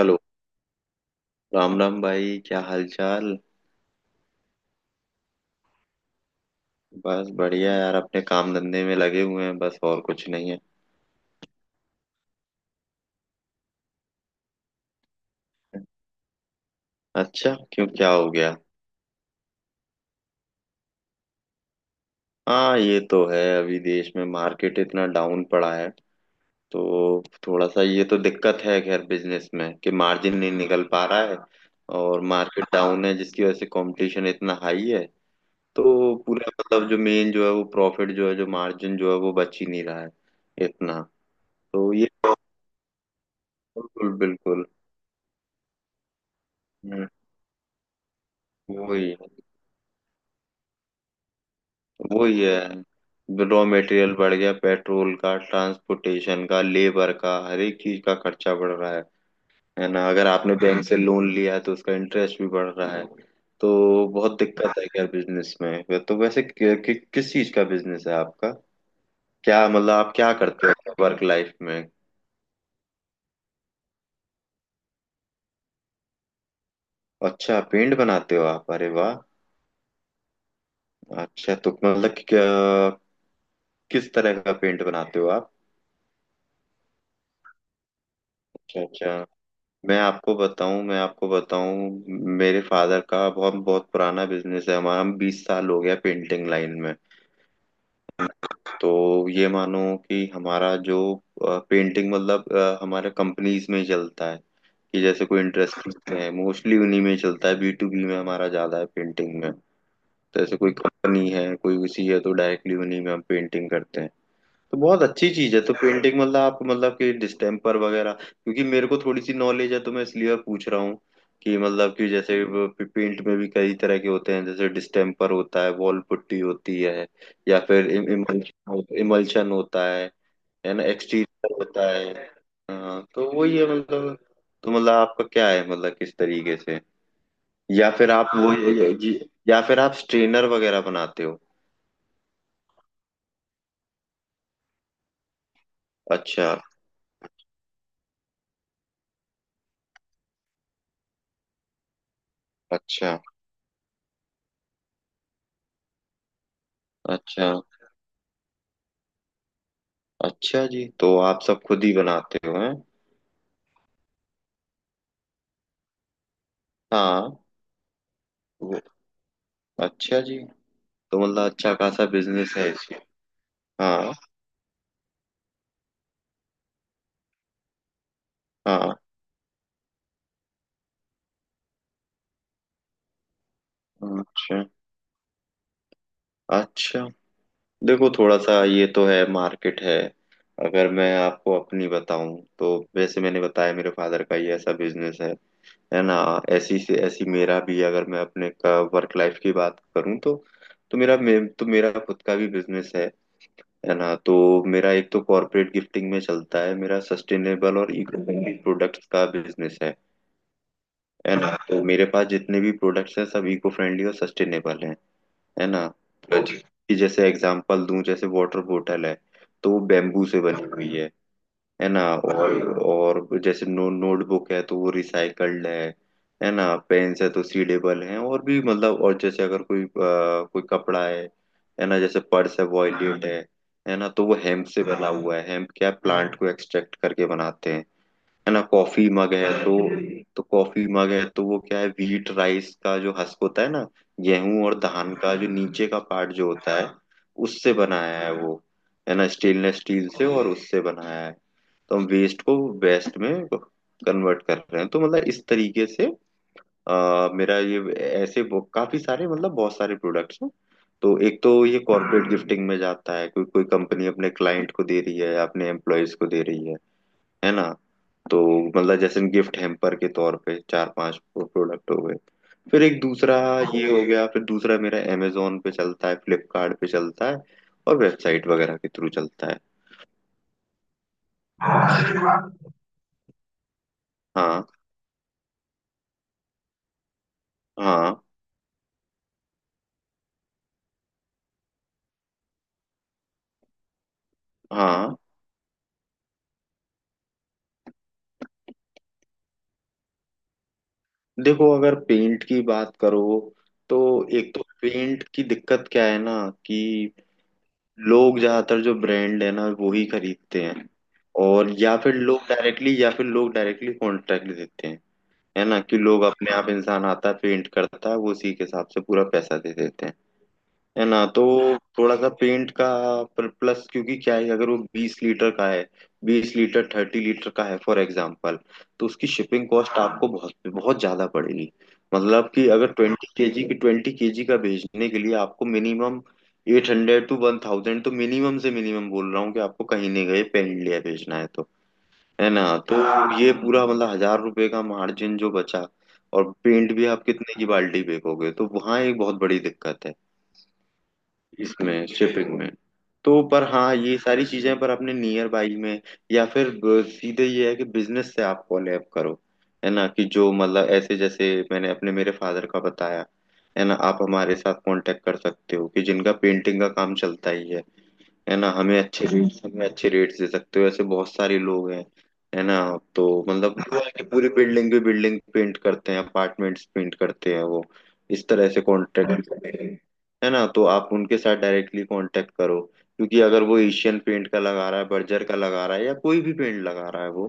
Hello. Ram Ram भाई, क्या हाल चाल? बस बढ़िया यार, अपने काम धंधे में लगे हुए हैं, बस और कुछ नहीं है। अच्छा, क्यों क्या हो गया? हाँ ये तो है, अभी देश में मार्केट इतना डाउन पड़ा है। तो थोड़ा सा ये तो दिक्कत है खैर बिजनेस में कि मार्जिन नहीं निकल पा रहा है। और मार्केट डाउन है जिसकी वजह से कंपटीशन इतना हाई है। तो पूरा मतलब जो मेन जो है वो प्रॉफिट जो है जो मार्जिन जो है वो बच ही नहीं रहा है इतना। तो ये बिल्कुल बिल्कुल। हम्म, वही है। वो ये है, रॉ मटेरियल बढ़ गया, पेट्रोल का, ट्रांसपोर्टेशन का, लेबर का, हर एक चीज का खर्चा बढ़ रहा है। है ना, अगर आपने बैंक से लोन लिया है तो उसका इंटरेस्ट भी बढ़ रहा है। तो बहुत दिक्कत है क्या बिजनेस में। तो वैसे किस चीज का बिजनेस है आपका? क्या मतलब आप क्या करते हो वर्क लाइफ में? अच्छा पेंट बनाते हो आप, अरे वाह! अच्छा तो मतलब किस तरह का पेंट बनाते हो आप? अच्छा अच्छा। मैं आपको बताऊं। मेरे फादर का बहुत बहुत पुराना बिजनेस है, हमारा हम 20 साल हो गया पेंटिंग लाइन में। तो ये मानो कि हमारा जो पेंटिंग मतलब हमारे कंपनीज में ही चलता है। कि जैसे कोई इंटरेस्ट है, मोस्टली उन्हीं में चलता है, बी टू बी में हमारा ज्यादा है पेंटिंग में। तो जैसे कोई कंपनी है कोई उसी है तो डायरेक्टली उन्हीं में हम पेंटिंग करते हैं। तो बहुत अच्छी चीज है। तो पेंटिंग मतलब आप मतलब कि डिस्टेम्पर वगैरह, क्योंकि मेरे को थोड़ी सी नॉलेज है तो मैं इसलिए पूछ रहा हूँ कि मतलब कि जैसे पेंट में भी कई तरह के होते हैं, जैसे डिस्टेम्पर होता है, वॉल पुट्टी होती है, या फिर इमल्शन इमल्शन होता है ना, एक्सटीरियर होता है। हाँ तो वही है मतलब। तो मतलब आपका क्या है मतलब किस तरीके से? या फिर आप वो या फिर आप स्ट्रेनर वगैरह बनाते हो? अच्छा अच्छा। अच्छा अच्छा जी, तो आप सब खुद ही बनाते हो हैं? हाँ वो- अच्छा जी। तो मतलब अच्छा खासा बिजनेस है इसका। हाँ हाँ। अच्छा अच्छा। देखो थोड़ा सा ये तो है मार्केट है। अगर मैं आपको अपनी बताऊं तो वैसे मैंने बताया, मेरे फादर का ये ऐसा बिजनेस है ना। ऐसी से ऐसी मेरा भी, अगर मैं अपने का वर्क लाइफ की बात करूं तो तो मेरा खुद का भी बिजनेस है ना। तो मेरा एक तो कॉर्पोरेट गिफ्टिंग में चलता है, मेरा सस्टेनेबल और इको फ्रेंडली प्रोडक्ट्स का बिजनेस है ना। तो मेरे पास जितने भी प्रोडक्ट्स हैं सब इको फ्रेंडली और सस्टेनेबल हैं, है ना। तो कि जैसे एग्जांपल दूं, जैसे वाटर बोतल है तो वो बेम्बू से बनी हुई है ना। और जैसे नो नोटबुक है तो वो रिसाइकल्ड है। है ना, पेन्स है तो सीडेबल है और भी मतलब। और जैसे अगर कोई कोई कपड़ा है ना, जैसे पर्स है वॉयलेट है ना, तो वो हेम्प से बना हुआ है। हेम्प क्या प्लांट को एक्सट्रैक्ट करके बनाते हैं, है ना। कॉफी मग है तो कॉफी मग है तो वो क्या है, व्हीट राइस का जो हस्क होता है ना, गेहूं और धान का जो नीचे का पार्ट जो होता है, उससे बनाया है वो, है ना। स्टेनलेस स्टील से और उससे बनाया है। तो हम वेस्ट को वेस्ट में कन्वर्ट कर रहे हैं। तो मतलब इस तरीके से मेरा ये ऐसे काफी सारे मतलब बहुत सारे प्रोडक्ट्स हैं। तो एक तो ये कॉर्पोरेट गिफ्टिंग में जाता है, कोई कोई कंपनी अपने क्लाइंट को दे रही है या अपने एम्प्लॉयज को दे रही है ना। तो मतलब जैसे गिफ्ट हैम्पर के तौर पे चार पांच प्रोडक्ट हो गए। फिर एक दूसरा ये हो गया, फिर दूसरा मेरा अमेजोन पे चलता है, फ्लिपकार्ट पे चलता है, और वेबसाइट वगैरह के थ्रू चलता है। हाँ हाँ, हाँ। देखो अगर पेंट की बात करो तो एक तो पेंट की दिक्कत क्या है ना कि लोग ज्यादातर जो ब्रांड है ना वो ही खरीदते हैं। और या फिर लोग डायरेक्टली कॉन्ट्रैक्ट देते हैं। है ना कि लोग अपने आप, इंसान आता है पेंट करता है वो उसी के हिसाब से पूरा पैसा दे देते हैं, है ना। तो थोड़ा सा पेंट का प्लस, क्योंकि क्या है अगर वो 20 लीटर का है, 20 लीटर 30 लीटर का है फॉर एग्जाम्पल, तो उसकी शिपिंग कॉस्ट आपको बहुत बहुत ज्यादा पड़ेगी। मतलब कि अगर 20 केजी की 20 केजी का भेजने के लिए आपको मिनिमम 800 to 1000, तो मिनिमम से मिनिमम बोल रहा हूँ कि आपको कहीं नहीं गए पेन इंडिया भेजना है तो, है ना। तो ये पूरा मतलब 1000 रुपए का मार्जिन जो बचा, और पेंट भी आप कितने की बाल्टी फेंकोगे, तो वहाँ एक बहुत बड़ी दिक्कत है इसमें शिपिंग में। तो पर हाँ ये सारी चीजें पर अपने नियर बाई में या फिर सीधे ये है कि बिजनेस से आप कोलैब करो। है ना कि जो मतलब ऐसे जैसे मैंने अपने मेरे फादर का बताया, है ना। आप हमारे साथ कांटेक्ट कर सकते हो कि जिनका पेंटिंग का काम चलता ही है ना। हमें अच्छे रेट्स दे सकते हो, ऐसे बहुत सारे लोग हैं, है ना। तो मतलब पूरा की पूरी बिल्डिंग भी बिल्डिंग पेंट करते हैं, अपार्टमेंट्स पेंट करते हैं वो, इस तरह से कॉन्ट्रैक्ट, है ना। तो आप उनके साथ डायरेक्टली कांटेक्ट करो, क्योंकि अगर वो एशियन पेंट का लगा रहा है, बर्जर का लगा रहा है, या कोई भी पेंट लगा रहा है वो,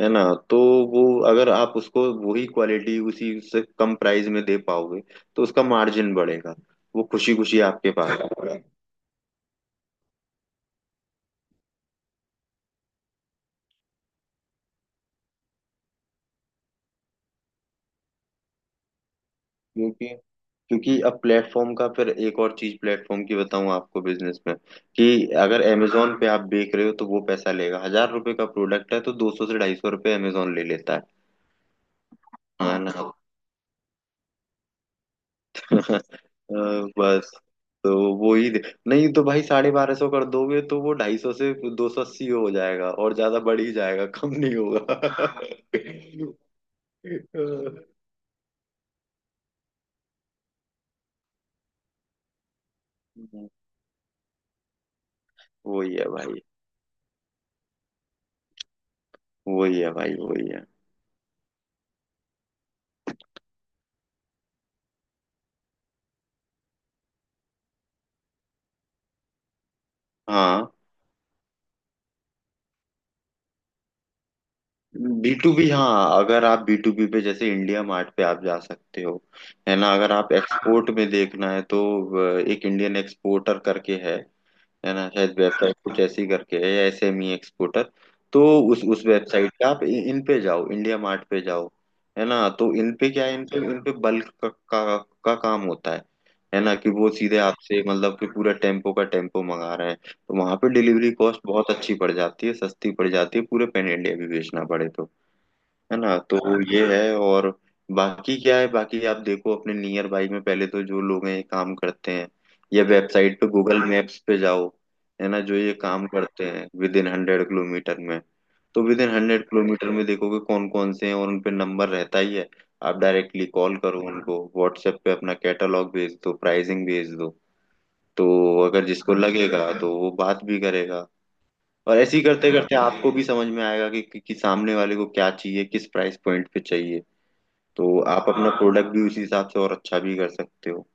है ना। तो वो, अगर आप उसको वही क्वालिटी उसी से कम प्राइस में दे पाओगे तो उसका मार्जिन बढ़ेगा, वो खुशी खुशी आपके पास आएगा। क्योंकि क्योंकि अब प्लेटफॉर्म का फिर एक और चीज प्लेटफॉर्म की बताऊं आपको बिजनेस में, कि अगर Amazon पे आप बेच रहे हो तो वो पैसा लेगा, 1000 रुपए का प्रोडक्ट है तो 200 से 250 रुपये अमेजोन ले लेता है। हाँ ना। अ, बस। तो वो ही दे- नहीं तो भाई 1250 कर दोगे तो वो 250 से 280 हो जाएगा और ज्यादा बढ़ ही जाएगा कम नहीं होगा। अ, वही है भाई, वही है भाई वही है। हाँ। बी टू बी, हाँ, अगर आप बी टू बी पे जैसे इंडिया मार्ट पे आप जा सकते हो, है ना। अगर आप एक्सपोर्ट में देखना है तो एक इंडियन एक्सपोर्टर करके है ना, शायद वेबसाइट कुछ ऐसी करके है, या एसएमई एक्सपोर्टर। तो उस वेबसाइट पे आप इन पे जाओ, इंडिया मार्ट पे जाओ, है ना। तो इन पे क्या है, इन पे बल्क का काम होता है ना कि वो सीधे आपसे मतलब कि पूरा टेम्पो का टेम्पो मंगा रहे हैं तो वहां पे डिलीवरी कॉस्ट बहुत अच्छी पड़ जाती है, सस्ती पड़ जाती है, पूरे पैन इंडिया भी बेचना पड़े तो, है ना। तो ये है। और बाकी क्या है, बाकी आप देखो अपने नियर बाई में पहले तो जो लोग हैं ये काम करते हैं, या वेबसाइट पे गूगल मैप्स पे जाओ, है ना जो ये काम करते हैं विद इन 100 किलोमीटर में, तो विद इन 100 किलोमीटर में देखोगे कौन कौन से हैं और उन पे नंबर रहता ही है। आप डायरेक्टली कॉल करो उनको, व्हाट्सएप पे अपना कैटलॉग भेज दो, प्राइसिंग भेज दो। तो अगर जिसको लगेगा तो वो बात भी करेगा, और ऐसे ही करते करते आपको भी समझ में आएगा कि, सामने वाले को क्या चाहिए, किस प्राइस पॉइंट पे चाहिए। तो आप अपना प्रोडक्ट भी उसी हिसाब से और अच्छा भी कर सकते हो।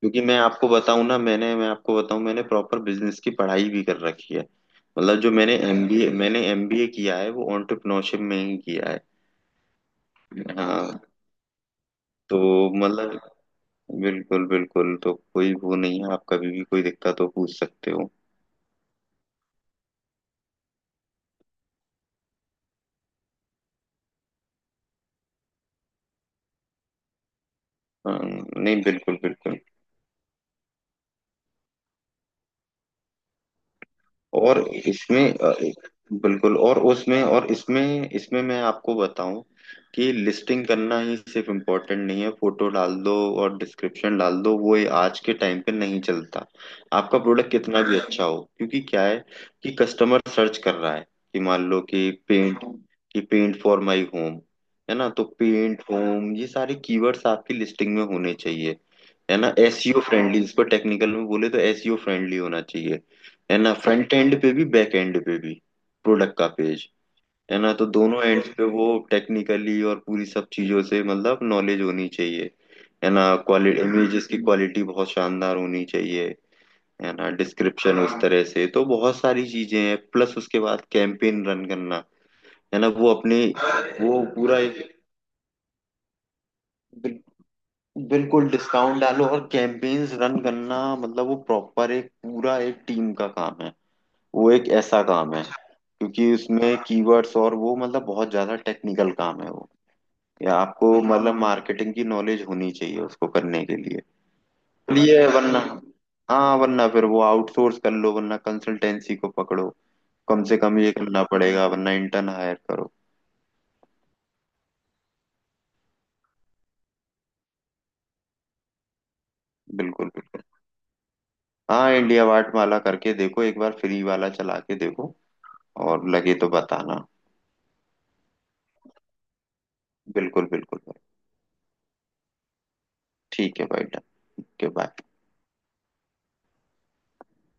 क्योंकि मैं आपको बताऊं ना, मैंने मैं आपको बताऊं मैंने प्रॉपर बिजनेस की पढ़ाई भी कर रखी है, मतलब जो मैंने एमबीए किया है वो एंटरप्रेन्योरशिप में ही किया है। हाँ तो मतलब बिल्कुल बिल्कुल। तो कोई वो नहीं है, आप कभी भी कोई दिक्कत हो पूछ सकते हो। हाँ, नहीं बिल्कुल बिल्कुल। और इसमें बिल्कुल। और उसमें और इसमें इसमें मैं आपको बताऊं कि लिस्टिंग करना ही सिर्फ इम्पोर्टेंट नहीं है, फोटो डाल दो और डिस्क्रिप्शन डाल दो, वो ये आज के टाइम पे नहीं चलता, आपका प्रोडक्ट कितना भी अच्छा हो, क्योंकि क्या है कि कस्टमर सर्च कर रहा है कि मान लो कि पेंट फॉर माय होम, है ना, तो पेंट होम ये सारे कीवर्ड्स आपकी लिस्टिंग में होने चाहिए, है ना। एसईओ फ्रेंडली, इसको टेक्निकल में बोले तो एसईओ फ्रेंडली होना चाहिए, है ना, फ्रंट एंड पे भी बैक एंड पे भी, प्रोडक्ट का पेज, है ना। तो दोनों एंड पे वो टेक्निकली और पूरी सब चीजों से मतलब नॉलेज होनी चाहिए, है ना। क्वालिटी, इमेजेस की क्वालिटी बहुत शानदार होनी चाहिए, है ना, डिस्क्रिप्शन उस तरह से, तो बहुत सारी चीजें हैं। प्लस उसके बाद कैंपेन रन करना, है ना, वो अपने वो पूरा एक बिल- बिल्कुल डिस्काउंट डालो और कैंपेन्स रन करना। मतलब वो प्रॉपर एक पूरा एक टीम का काम है, वो एक ऐसा काम है क्योंकि उसमें कीवर्ड्स और वो मतलब बहुत ज्यादा टेक्निकल काम है वो, या आपको मतलब मार्केटिंग की नॉलेज होनी चाहिए उसको करने के लिए। वरना हाँ, वरना फिर वो आउटसोर्स कर लो, वरना कंसल्टेंसी को पकड़ो, कम से कम ये करना पड़ेगा, वरना इंटर्न हायर करो। बिल्कुल बिल्कुल। हाँ इंडिया वाट माला करके देखो, एक बार फ्री वाला चला के देखो, और लगे तो बताना। बिल्कुल बिल्कुल भाई। ठीक है भाई, डन। Okay bye.